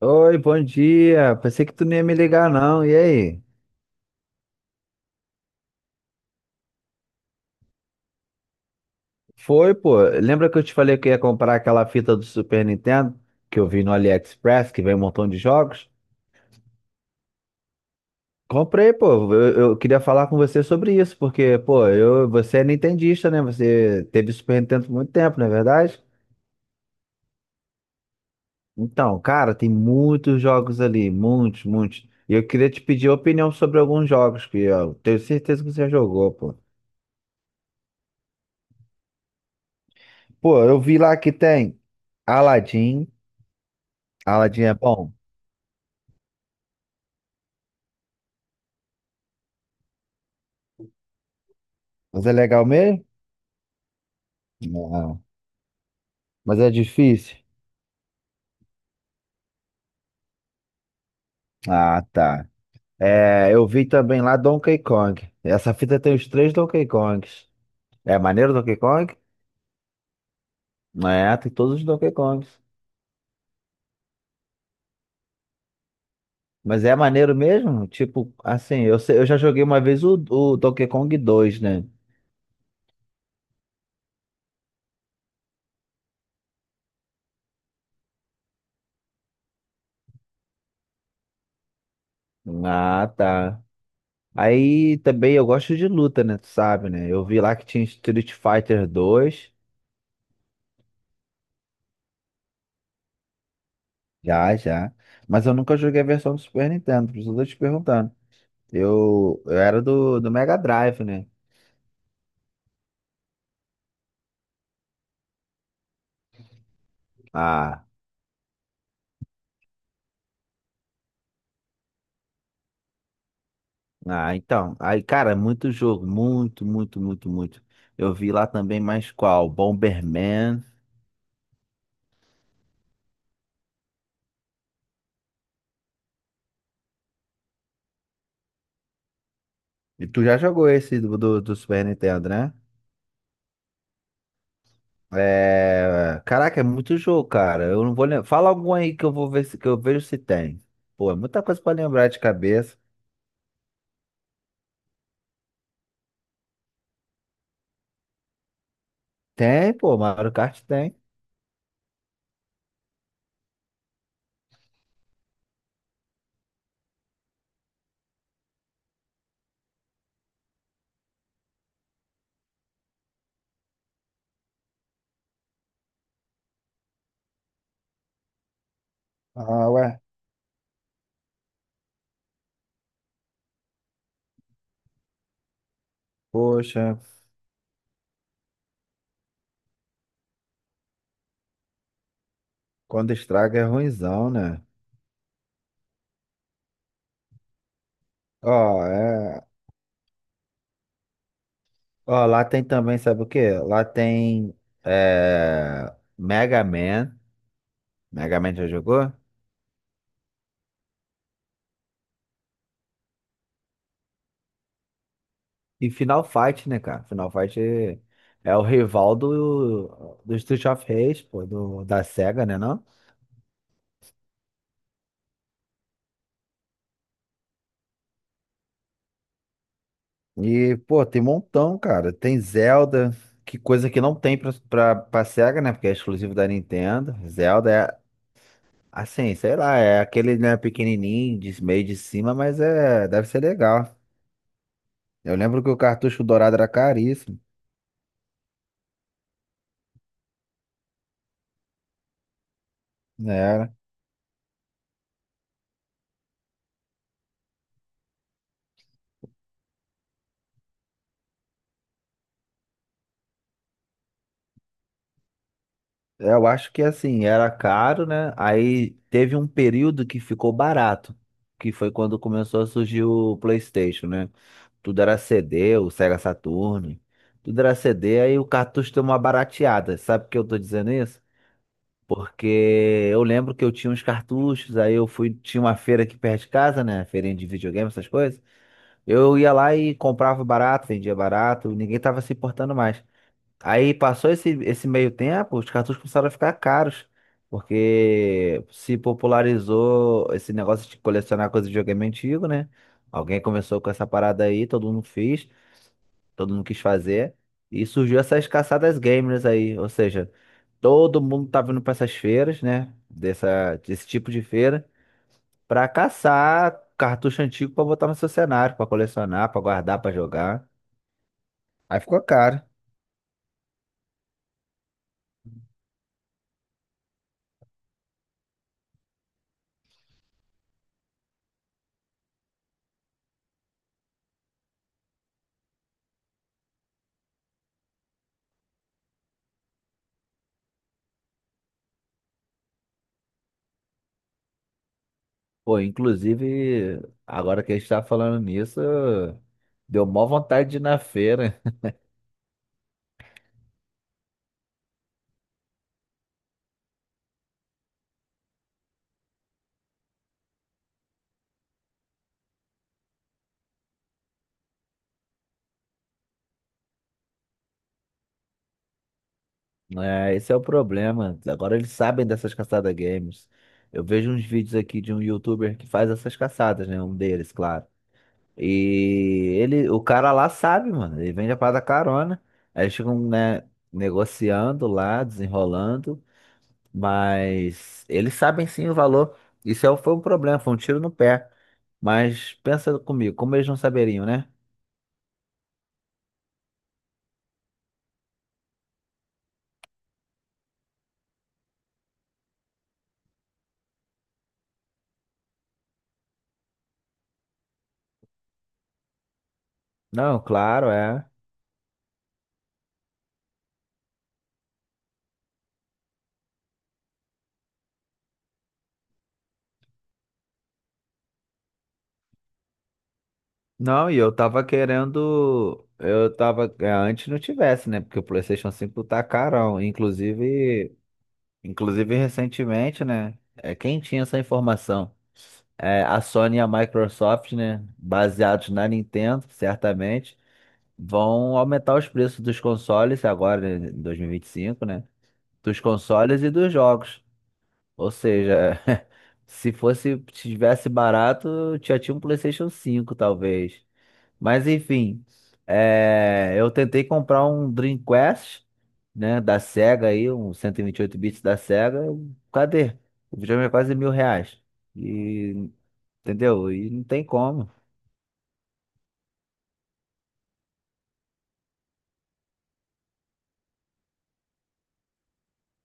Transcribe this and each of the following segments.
Oi, bom dia. Pensei que tu não ia me ligar, não. E aí? Foi, pô. Lembra que eu te falei que eu ia comprar aquela fita do Super Nintendo que eu vi no AliExpress, que vem um montão de jogos? Comprei, pô. Eu queria falar com você sobre isso, porque, pô, eu, você é nintendista, né? Você teve Super Nintendo por muito tempo, não é verdade? Então, cara, tem muitos jogos ali, muitos, muitos. E eu queria te pedir opinião sobre alguns jogos que eu tenho certeza que você já jogou, pô. Pô, eu vi lá que tem Aladdin. Aladdin é bom? Mas é legal mesmo? Não. Mas é difícil? Ah, tá. É, eu vi também lá Donkey Kong. Essa fita tem os três Donkey Kongs. É maneiro Donkey Kong? É, tem todos os Donkey Kongs. Mas é maneiro mesmo? Tipo, assim, eu, eu já joguei uma vez o Donkey Kong 2, né? Ah, tá. Aí também eu gosto de luta, né? Tu sabe, né? Eu vi lá que tinha Street Fighter 2. Já, já. Mas eu nunca joguei a versão do Super Nintendo, por isso eu tô te perguntando. Eu era do Mega Drive, né? Ah, ah, então. Aí, cara, muito jogo. Muito, muito, muito, muito. Eu vi lá também mais qual? Bomberman. E tu já jogou esse do Super Nintendo, né? É... Caraca, é muito jogo, cara. Eu não vou lembrar. Fala algum aí que eu vou ver se, que eu vejo se tem. Pô, é muita coisa pra lembrar de cabeça. Tem, pô, Mario Kart tem. Ah, ué. Poxa, quando estraga é ruinzão, né? Ó, é. Ó, lá tem também, sabe o quê? Lá tem é, Mega Man. Mega Man já jogou? E Final Fight, né, cara? Final Fight é o rival do, do Street of Rage, pô, do, da SEGA, né, não? E, pô, tem um montão, cara. Tem Zelda, que coisa que não tem pra SEGA, né? Porque é exclusivo da Nintendo. Zelda é, assim, sei lá, é aquele, né, pequenininho, de meio de cima, mas é, deve ser legal. Eu lembro que o cartucho dourado era caríssimo. Né? É, eu acho que assim, era caro, né? Aí teve um período que ficou barato, que foi quando começou a surgir o PlayStation, né? Tudo era CD, o Sega Saturn, tudo era CD, aí o cartucho deu uma barateada. Sabe por que eu tô dizendo isso? Porque eu lembro que eu tinha uns cartuchos, aí eu fui, tinha uma feira aqui perto de casa, né? Feirinha de videogame, essas coisas. Eu ia lá e comprava barato, vendia barato, ninguém tava se importando mais. Aí passou esse meio tempo, os cartuchos começaram a ficar caros, porque se popularizou esse negócio de colecionar coisas de videogame antigo, né? Alguém começou com essa parada aí, todo mundo fez, todo mundo quis fazer, e surgiu essas caçadas gamers aí, ou seja, todo mundo tá vindo pra essas feiras, né? Dessa, desse tipo de feira, pra caçar cartucho antigo pra botar no seu cenário, pra colecionar, pra guardar, pra jogar. Aí ficou caro. Pô, inclusive, agora que a gente tá falando nisso, deu mó vontade de ir na feira. É, esse é o problema. Agora eles sabem dessas caçadas games. Eu vejo uns vídeos aqui de um youtuber que faz essas caçadas, né? Um deles, claro. E ele, o cara lá sabe, mano. Ele vende a parada carona. Aí eles ficam, né, negociando lá, desenrolando. Mas eles sabem sim o valor. Foi um problema, foi um tiro no pé. Mas pensa comigo, como eles não saberiam, né? Não, claro, é. Não, e eu tava querendo. Eu tava. É, antes não tivesse, né? Porque o PlayStation 5 tá carão. Inclusive, recentemente, né? É, quem tinha essa informação? É, a Sony e a Microsoft, né? Baseados na Nintendo, certamente, vão aumentar os preços dos consoles agora, né, em 2025, né? Dos consoles e dos jogos. Ou seja, se fosse, se tivesse barato, já tinha um PlayStation 5, talvez. Mas enfim, eu tentei comprar um Dreamcast, né, da Sega aí, um 128 bits da Sega. Cadê? O videogame é quase R$ 1.000. E, entendeu? E não tem como.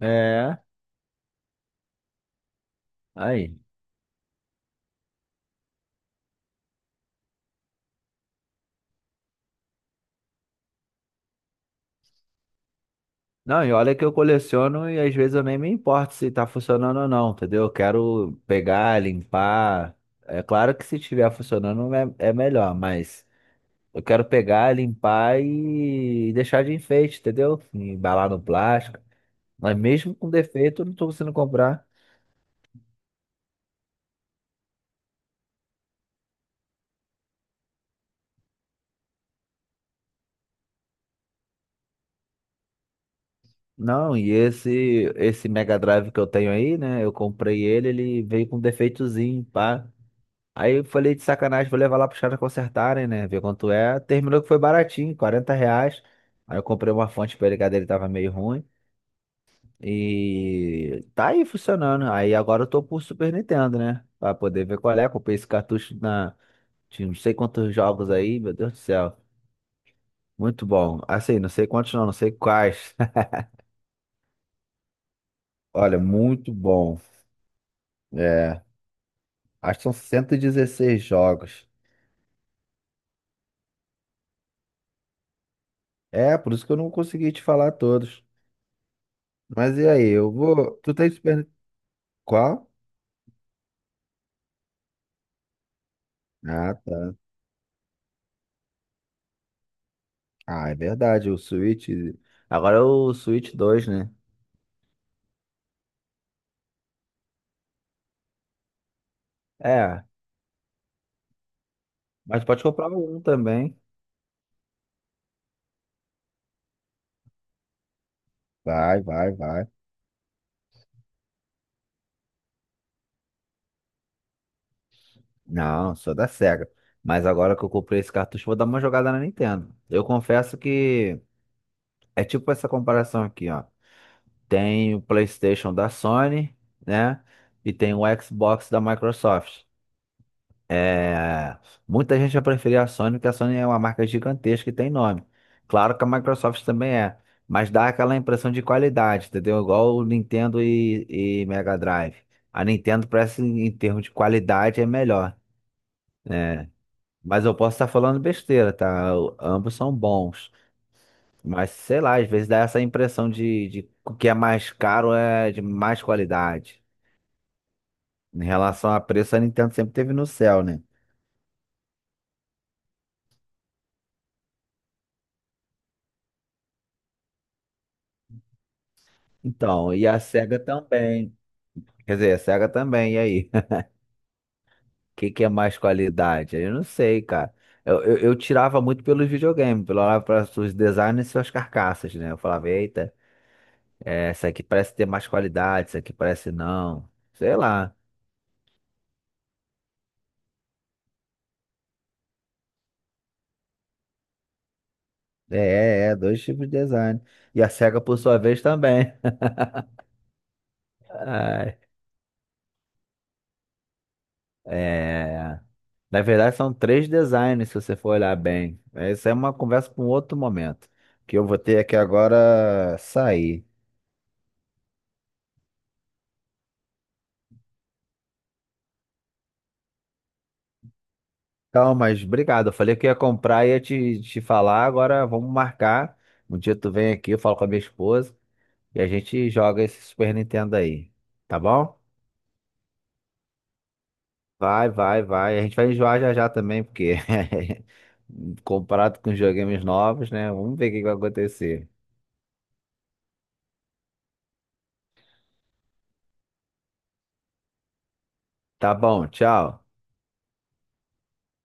É, aí. Não, e olha que eu coleciono e às vezes eu nem me importo se tá funcionando ou não, entendeu? Eu quero pegar, limpar. É claro que se estiver funcionando é melhor, mas eu quero pegar, limpar e deixar de enfeite, entendeu? Embalar no plástico. Mas mesmo com defeito, eu não tô conseguindo comprar. Não, e esse Mega Drive que eu tenho aí, né? Eu comprei ele, ele veio com defeitozinho, pá. Aí eu falei de sacanagem, vou levar lá pros caras consertarem, né? Ver quanto é. Terminou que foi baratinho, R$ 40. Aí eu comprei uma fonte pra ele, que a dele tava meio ruim. E tá aí funcionando. Aí agora eu tô pro Super Nintendo, né? Pra poder ver qual é. Comprei esse cartucho na. Tinha não sei quantos jogos aí, meu Deus do céu. Muito bom. Assim, não sei quantos não, não sei quais. Olha, muito bom. É, acho que são 116 jogos. É, por isso que eu não consegui te falar todos. Mas e aí, eu vou. Tu tem Super. Qual? Ah, tá. Ah, é verdade, o Switch. Agora é o Switch 2, né? É, mas pode comprar um também. Vai, vai, vai. Não, sou da Sega. Mas agora que eu comprei esse cartucho, vou dar uma jogada na Nintendo. Eu confesso que é tipo essa comparação aqui, ó. Tem o PlayStation da Sony, né? E tem o Xbox da Microsoft. É, muita gente vai preferir a Sony, porque a Sony é uma marca gigantesca e tem nome. Claro que a Microsoft também é, mas dá aquela impressão de qualidade, entendeu? Igual o Nintendo e Mega Drive. A Nintendo parece, em termos de qualidade, é melhor, né? Mas eu posso estar falando besteira, tá? Ambos são bons. Mas sei lá, às vezes dá essa impressão de que o que é mais caro é de mais qualidade. Em relação a preço, a Nintendo sempre teve no céu, né? Então, e a Sega também. Quer dizer, a Sega também, e aí? O que que é mais qualidade? Eu não sei, cara. Eu tirava muito pelos videogames, pelo olhava para os designs e suas carcaças, né? Eu falava, eita, essa aqui parece ter mais qualidade, essa aqui parece não. Sei lá. É, é, é, dois tipos de design. E a Sega, por sua vez, também. Ai, é. Na verdade, são três designs, se você for olhar bem. Essa é uma conversa para um outro momento, que eu vou ter que agora sair. Calma, mas obrigado. Eu falei que ia comprar e ia te falar. Agora vamos marcar. Um dia tu vem aqui, eu falo com a minha esposa e a gente joga esse Super Nintendo aí. Tá bom? Vai, vai, vai. A gente vai enjoar já já também, porque comparado com os videogames novos, né? Vamos ver o que que vai acontecer. Tá bom, tchau.